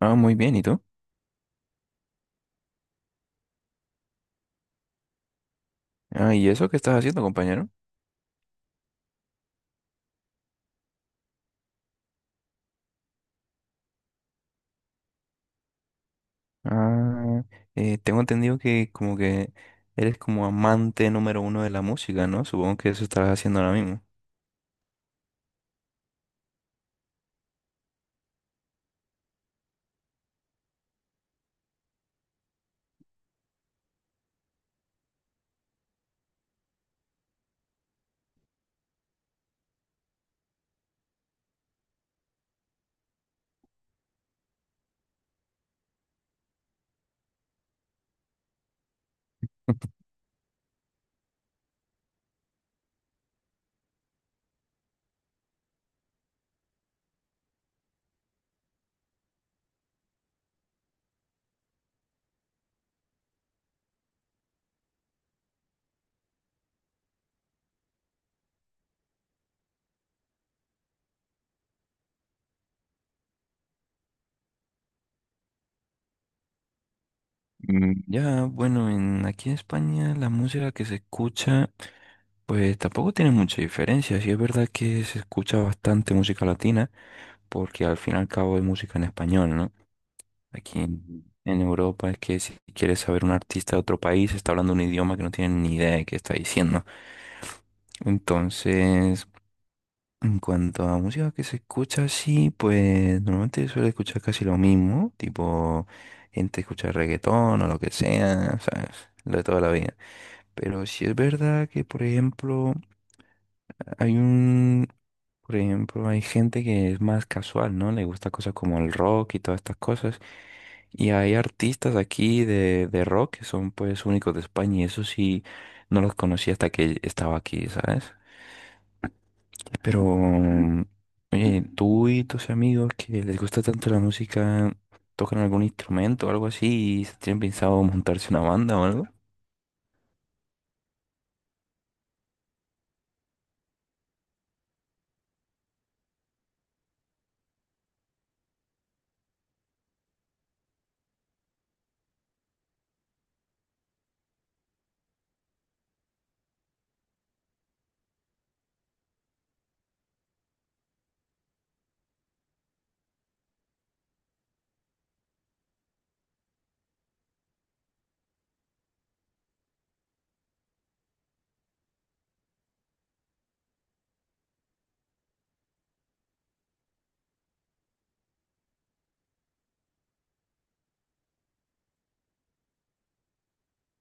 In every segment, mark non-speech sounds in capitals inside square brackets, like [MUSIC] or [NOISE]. Ah, muy bien, ¿y tú? Ah, ¿y eso qué estás haciendo, compañero? Ah, tengo entendido que como que eres como amante número uno de la música, ¿no? Supongo que eso estarás haciendo ahora mismo. [LAUGHS] Mm, ya, bueno, aquí en España la música que se escucha, pues tampoco tiene mucha diferencia. Sí es verdad que se escucha bastante música latina, porque al fin y al cabo es música en español, ¿no? Aquí en Europa es que si quieres saber un artista de otro país, está hablando un idioma que no tienen ni idea de qué está diciendo. Entonces, en cuanto a música que se escucha así, pues normalmente suele escuchar casi lo mismo, tipo gente escucha reggaetón o lo que sea, ¿sabes? Lo de toda la vida. Pero sí es verdad que, por ejemplo, hay un, por ejemplo, hay gente que es más casual, ¿no? Le gusta cosas como el rock y todas estas cosas. Y hay artistas aquí de rock que son pues únicos de España y eso sí no los conocí hasta que estaba aquí, ¿sabes? Pero, oye, ¿tú y tus amigos que les gusta tanto la música tocan algún instrumento o algo así y tienen pensado montarse una banda o algo?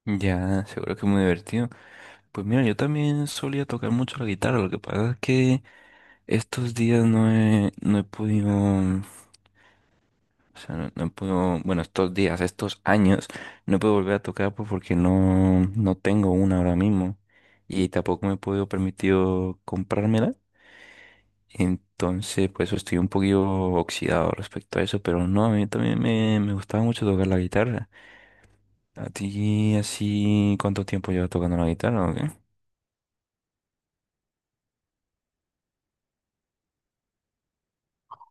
Ya, seguro que es muy divertido. Pues mira, yo también solía tocar mucho la guitarra, lo que pasa es que estos días no he podido, o sea, no he podido, bueno, estos días, estos años, no he podido volver a tocar pues, porque no tengo una ahora mismo y tampoco me he podido permitir comprármela. Entonces, pues estoy un poquito oxidado respecto a eso, pero no, a mí también me gustaba mucho tocar la guitarra. ¿A ti así cuánto tiempo llevas tocando la guitarra o qué?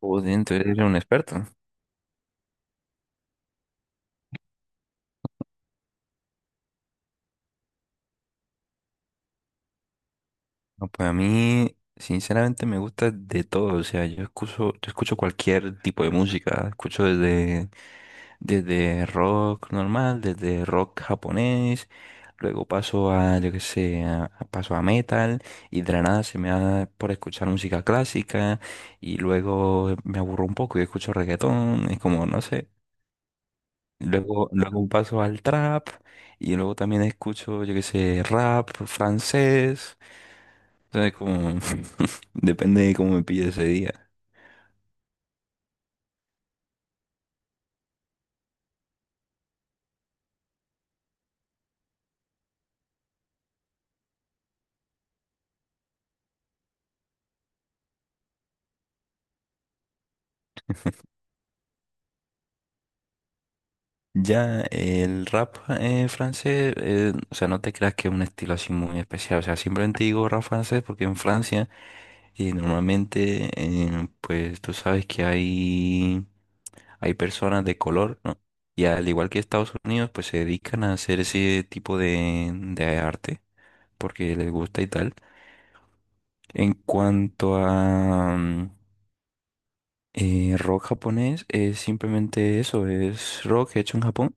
Joder, entonces eres un experto. No, pues a mí, sinceramente, me gusta de todo. O sea, yo escucho cualquier tipo de música. Escucho desde Desde rock normal, desde rock japonés, luego paso a, yo qué sé, paso a metal y de la nada se me da por escuchar música clásica y luego me aburro un poco y escucho reggaetón, es como, no sé. Luego paso al trap y luego también escucho, yo qué sé, rap francés. Entonces como, [LAUGHS] depende de cómo me pille ese día. Ya, el rap francés, o sea, no te creas que es un estilo así muy especial, o sea, simplemente digo rap francés porque en Francia normalmente, pues tú sabes que hay personas de color, ¿no? Y al igual que Estados Unidos, pues se dedican a hacer ese tipo de arte porque les gusta y tal. En cuanto a... rock japonés es simplemente eso, es rock hecho en Japón,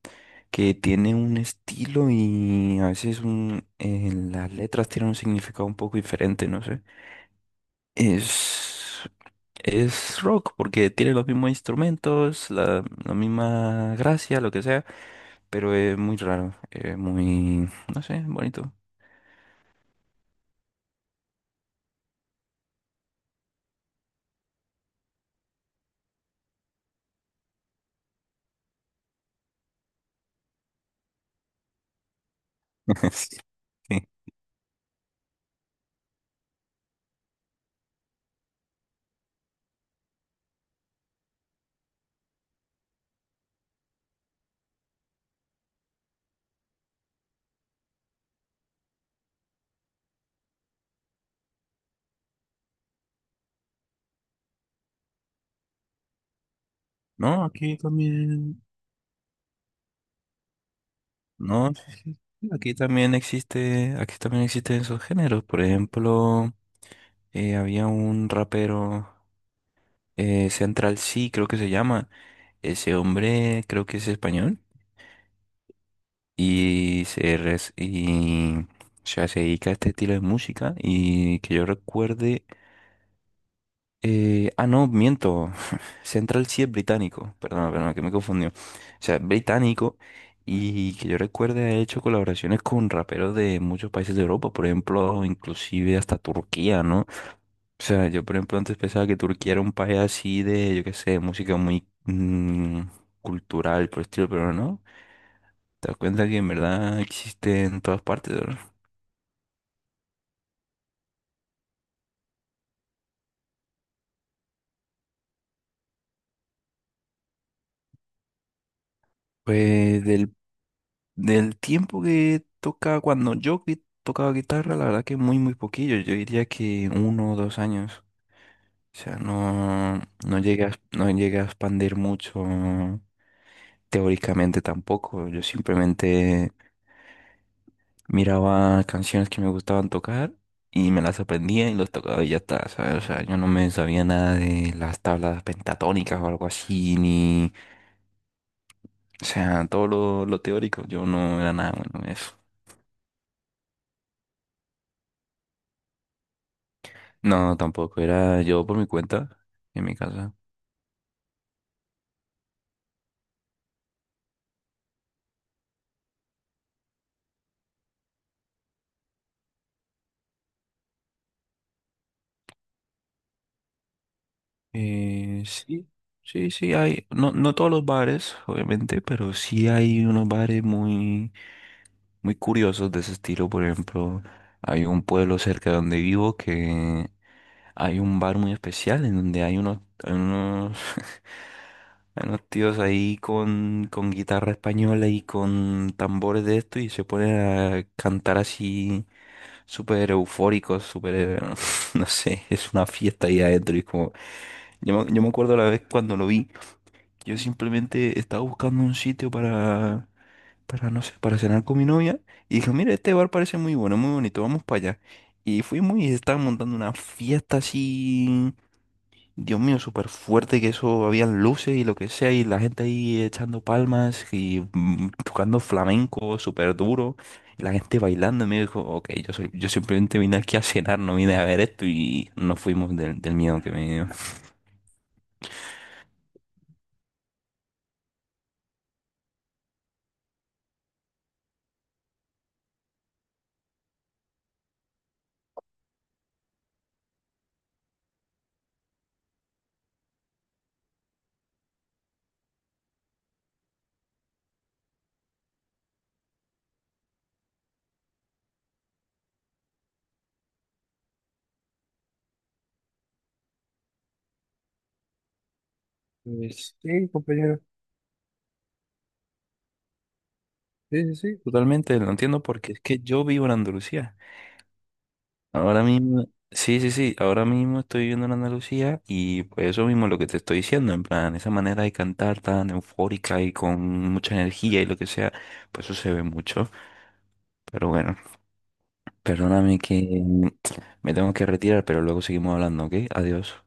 que tiene un estilo y a veces las letras tienen un significado un poco diferente, no sé. Es, es rock porque tiene los mismos instrumentos, la misma gracia, lo que sea, pero es muy raro, es muy, no sé, bonito. [LAUGHS] Sí. No, aquí también. No, sí, sí, sí, aquí también existe, aquí también existen esos géneros. Por ejemplo, había un rapero, Central C, creo que se llama. Ese hombre creo que es español y, o sea, se dedica a este estilo de música y que yo recuerde no, miento. [LAUGHS] Central sí es británico. Perdón, perdón, que me confundió. O sea, es británico y que yo recuerde ha hecho colaboraciones con raperos de muchos países de Europa, por ejemplo, inclusive hasta Turquía, ¿no? O sea, yo por ejemplo antes pensaba que Turquía era un país así de, yo qué sé, música muy cultural, por el estilo, pero no. Te das cuenta que en verdad existe en todas partes, ¿no? Pues del Del tiempo que tocaba cuando yo tocaba guitarra, la verdad que muy, muy poquillo. Yo diría que 1 o 2 años. O sea, no llegué a, no llegué a expandir mucho teóricamente tampoco. Yo simplemente miraba canciones que me gustaban tocar y me las aprendía y los tocaba y ya está, ¿sabes? O sea, yo no me sabía nada de las tablas pentatónicas o algo así, ni... O sea, todo lo teórico, yo no era nada bueno en eso. No, tampoco, era yo por mi cuenta, en mi casa. Sí, sí, sí, hay, no, no todos los bares, obviamente, pero sí hay unos bares muy, muy curiosos de ese estilo. Por ejemplo, hay un pueblo cerca de donde vivo que hay un bar muy especial en donde hay unos, [LAUGHS] hay unos tíos ahí con guitarra española y con tambores de esto y se ponen a cantar así súper eufóricos, súper, [LAUGHS] no sé, es una fiesta ahí adentro. Y es como, yo me acuerdo la vez cuando lo vi, yo simplemente estaba buscando un sitio para, no sé, para cenar con mi novia y dije, mira, este bar parece muy bueno, muy bonito, vamos para allá. Y fuimos y estaban montando una fiesta así, Dios mío, súper fuerte que eso, habían luces y lo que sea, y la gente ahí echando palmas y tocando flamenco súper duro, y la gente bailando, y me dijo, ok, yo, soy, yo simplemente vine aquí a cenar, no vine a ver esto, y nos fuimos del miedo que me dio. Pues sí, compañero. Sí, sí, sí. Totalmente, lo entiendo porque es que yo vivo en Andalucía. Ahora mismo, sí, sí, sí, ahora mismo estoy viviendo en Andalucía y pues eso mismo es lo que te estoy diciendo, en plan, esa manera de cantar tan eufórica y con mucha energía y lo que sea, pues eso se ve mucho. Pero bueno, perdóname que me tengo que retirar, pero luego seguimos hablando, ¿ok? Adiós.